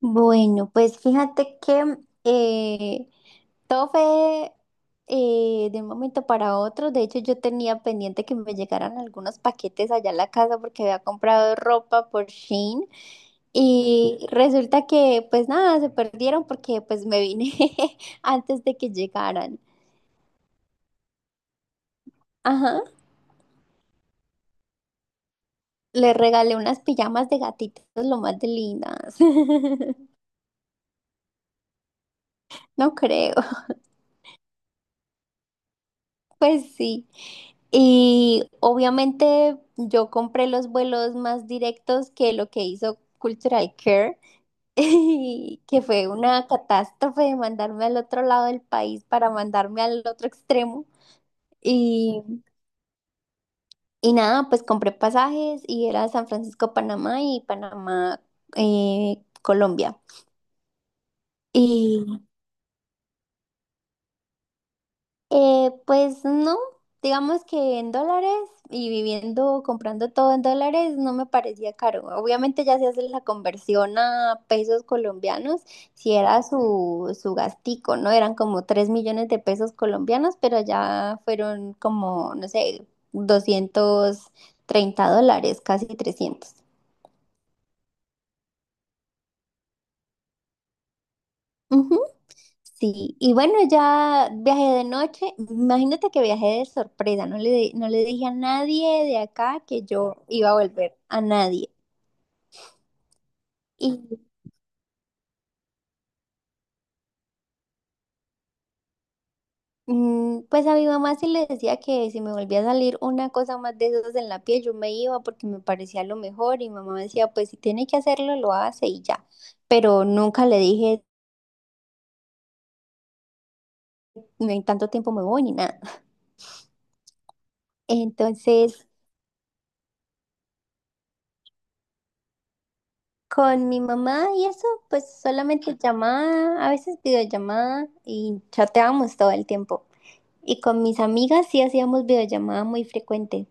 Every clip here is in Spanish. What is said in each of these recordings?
Bueno, pues fíjate que eh, todo fue de un momento para otro. De hecho, yo tenía pendiente que me llegaran algunos paquetes allá a la casa porque había comprado ropa por Shein y Ujú. Resulta que pues nada, se perdieron porque pues me vine antes de que llegaran. Ajá, le regalé unas pijamas de gatitos lo más de lindas. No creo. Pues sí. Y obviamente yo compré los vuelos más directos que lo que hizo Cultural Care, y que fue una catástrofe de mandarme al otro lado del país para mandarme al otro extremo. Y, y nada, pues compré pasajes y era San Francisco, Panamá y Panamá, Colombia. Y pues no, digamos que en dólares y viviendo, comprando todo en dólares, no me parecía caro. Obviamente ya se hace la conversión a pesos colombianos, si era su gastico, ¿no? Eran como 3 millones de pesos colombianos, pero ya fueron como, no sé, $230, casi 300. Ujú. Sí, y bueno, ya viajé de noche. Imagínate que viajé de sorpresa, no le dije a nadie de acá que yo iba a volver, a nadie. Y pues a mi mamá sí le decía que si me volvía a salir una cosa más de esas en la piel, yo me iba porque me parecía lo mejor. Y mi mamá decía, pues si tiene que hacerlo, lo hace y ya. Pero nunca le dije, "No, en tanto tiempo me voy ni nada". Entonces, con mi mamá y eso, pues solamente llamada, a veces videollamada y chateábamos todo el tiempo. Y con mis amigas sí hacíamos videollamada muy frecuente.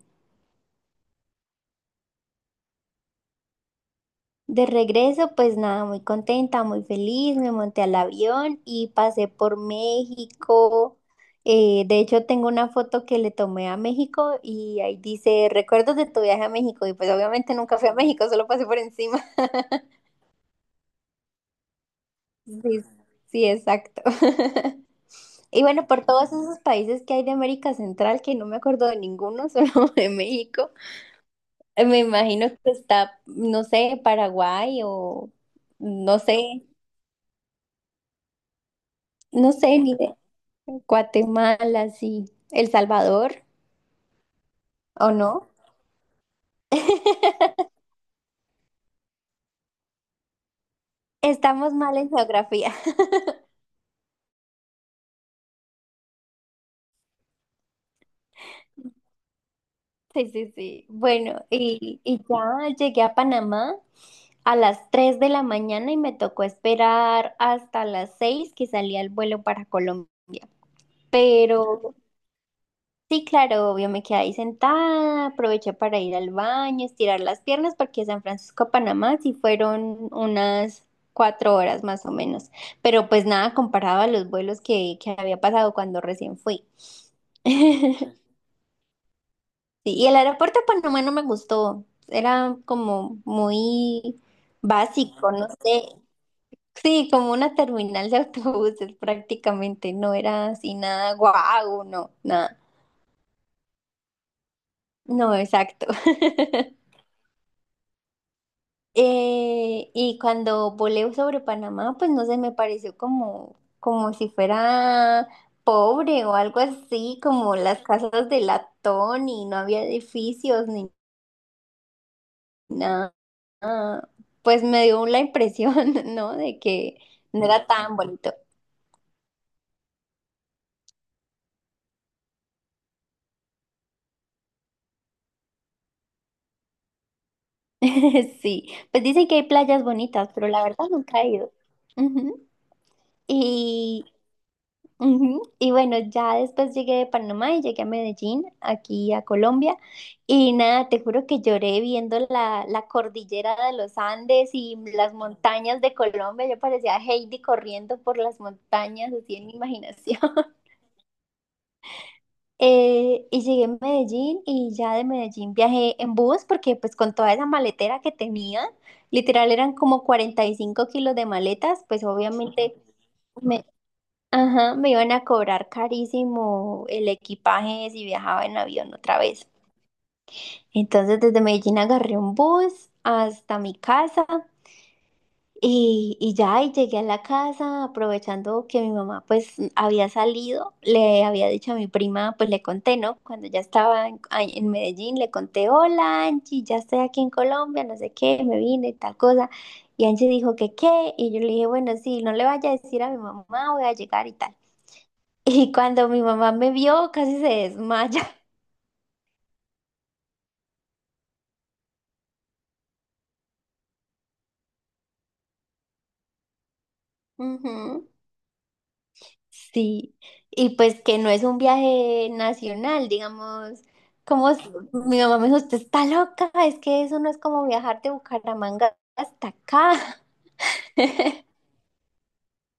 De regreso, pues nada, muy contenta, muy feliz, me monté al avión y pasé por México. De hecho, tengo una foto que le tomé a México y ahí dice, recuerdos de tu viaje a México. Y pues obviamente nunca fui a México, solo pasé por encima. Sí, sí, exacto. Y bueno, por todos esos países que hay de América Central, que no me acuerdo de ninguno, solo de México, me imagino que está, no sé, Paraguay o no sé, no sé, ni idea. Guatemala, sí, El Salvador, ¿o no? Estamos mal en geografía. Sí, sí, sí. Bueno, y ya llegué a Panamá a las 3 de la mañana y me tocó esperar hasta las 6 que salía el vuelo para Colombia. Pero sí, claro, obvio, me quedé ahí sentada, aproveché para ir al baño, estirar las piernas, porque San Francisco a Panamá sí fueron unas 4 horas más o menos. Pero pues nada comparado a los vuelos que había pasado cuando recién fui. Sí, y el aeropuerto de Panamá no me gustó. Era como muy básico, no sé. Sí, como una terminal de autobuses prácticamente. No era así nada guau, no, nada. No, exacto. Y cuando volé sobre Panamá, pues no sé, me pareció como, como si fuera pobre o algo así, como las casas de latón y no había edificios ni nada. Ah, pues me dio la impresión, ¿no? De que no era tan bonito. Sí, pues dicen que hay playas bonitas, pero la verdad nunca he ido. Ujú. Y, ujú. Y bueno, ya después llegué de Panamá y llegué a Medellín, aquí a Colombia. Y nada, te juro que lloré viendo la, la cordillera de los Andes y las montañas de Colombia. Yo parecía Heidi corriendo por las montañas, así en mi imaginación. Y llegué a Medellín y ya de Medellín viajé en bus porque pues con toda esa maletera que tenía, literal eran como 45 kilos de maletas, pues obviamente me, ajá, me iban a cobrar carísimo el equipaje si viajaba en avión otra vez. Entonces desde Medellín agarré un bus hasta mi casa y ya, y llegué a la casa aprovechando que mi mamá pues había salido, le había dicho a mi prima, pues le conté, ¿no? Cuando ya estaba ahí en Medellín, le conté, hola Angie, ya estoy aquí en Colombia, no sé qué, me vine, tal cosa. Y Angie dijo que qué, y yo le dije, bueno, sí, no le vaya a decir a mi mamá, voy a llegar y tal. Y cuando mi mamá me vio, casi se desmaya. Ujú. Sí, y pues que no es un viaje nacional, digamos, como s- mi mamá me dijo, usted está loca, es que eso no es como viajar de Bucaramanga hasta acá,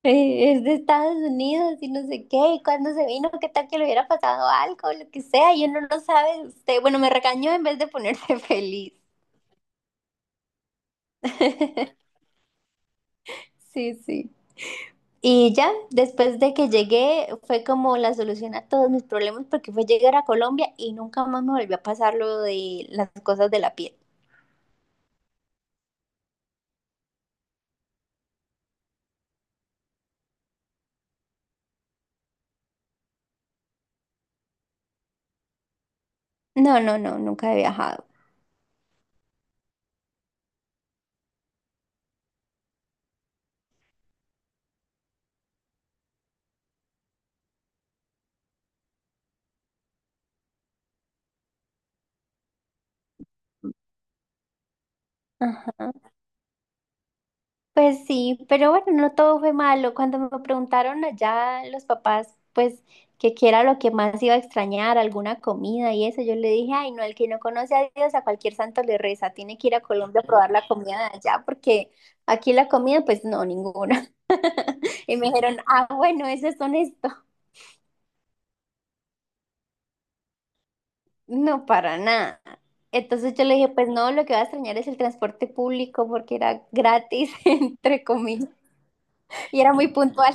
es de Estados Unidos y no sé qué, y cuando se vino, qué tal que le hubiera pasado algo, lo que sea, y uno no sabe, usted, bueno, me regañó en vez de ponerse feliz. Sí, sí. Y ya, después de que llegué, fue como la solución a todos mis problemas porque fue llegar a Colombia y nunca más me volvió a pasar lo de las cosas de la piel. No, no, no, nunca he viajado. Ajá. Pues sí, pero bueno, no todo fue malo. Cuando me preguntaron allá los papás, pues que qué era lo que más iba a extrañar, alguna comida y eso, yo le dije, ay, no, el que no conoce a Dios, a cualquier santo le reza, tiene que ir a Colombia a probar la comida de allá, porque aquí la comida, pues no, ninguna. Y me dijeron, ah, bueno, eso es honesto. No, para nada. Entonces yo le dije, pues no, lo que va a extrañar es el transporte público porque era gratis, entre comillas, y era muy puntual.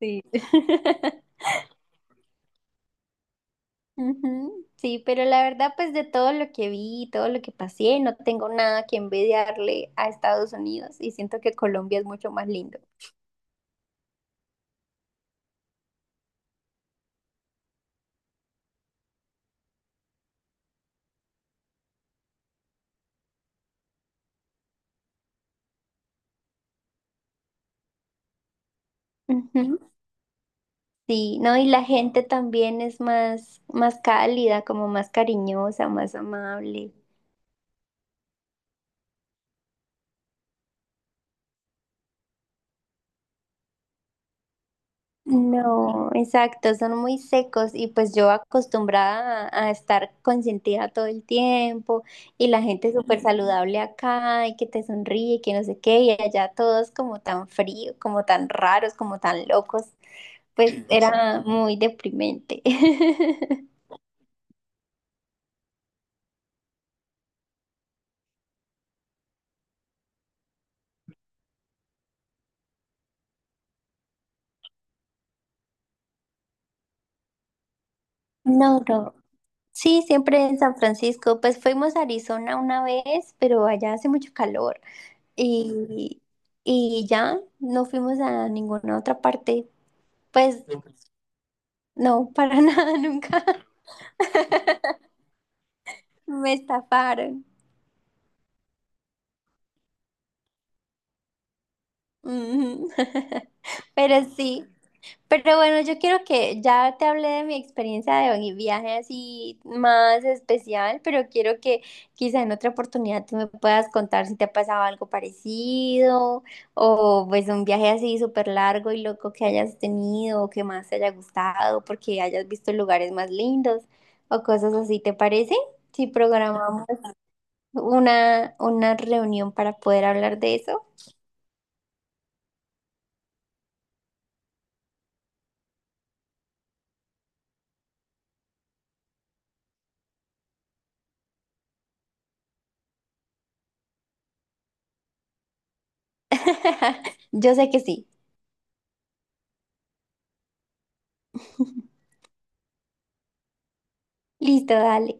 Sí. Ujú, sí, pero la verdad, pues de todo lo que vi, todo lo que pasé, no tengo nada que envidiarle a Estados Unidos y siento que Colombia es mucho más lindo. Ujú, sí, no, y la gente también es más, más cálida, como más cariñosa, más amable. No, exacto, son muy secos y pues yo acostumbrada a estar consentida todo el tiempo y la gente súper saludable acá y que te sonríe, que no sé qué, y allá todos como tan fríos, como tan raros, como tan locos, pues era muy deprimente. No, no. Sí, siempre en San Francisco. Pues fuimos a Arizona una vez, pero allá hace mucho calor. Y, y ya no fuimos a ninguna otra parte. Pues no, para nada, nunca me estafaron. Ujú. Pero sí, pero bueno, yo quiero que ya te hablé de mi experiencia de mi viaje así más especial, pero quiero que quizá en otra oportunidad tú me puedas contar si te ha pasado algo parecido o pues un viaje así súper largo y loco que hayas tenido o que más te haya gustado porque hayas visto lugares más lindos o cosas así, ¿te parece? Si programamos una reunión para poder hablar de eso? Yo sé que sí. Listo, dale.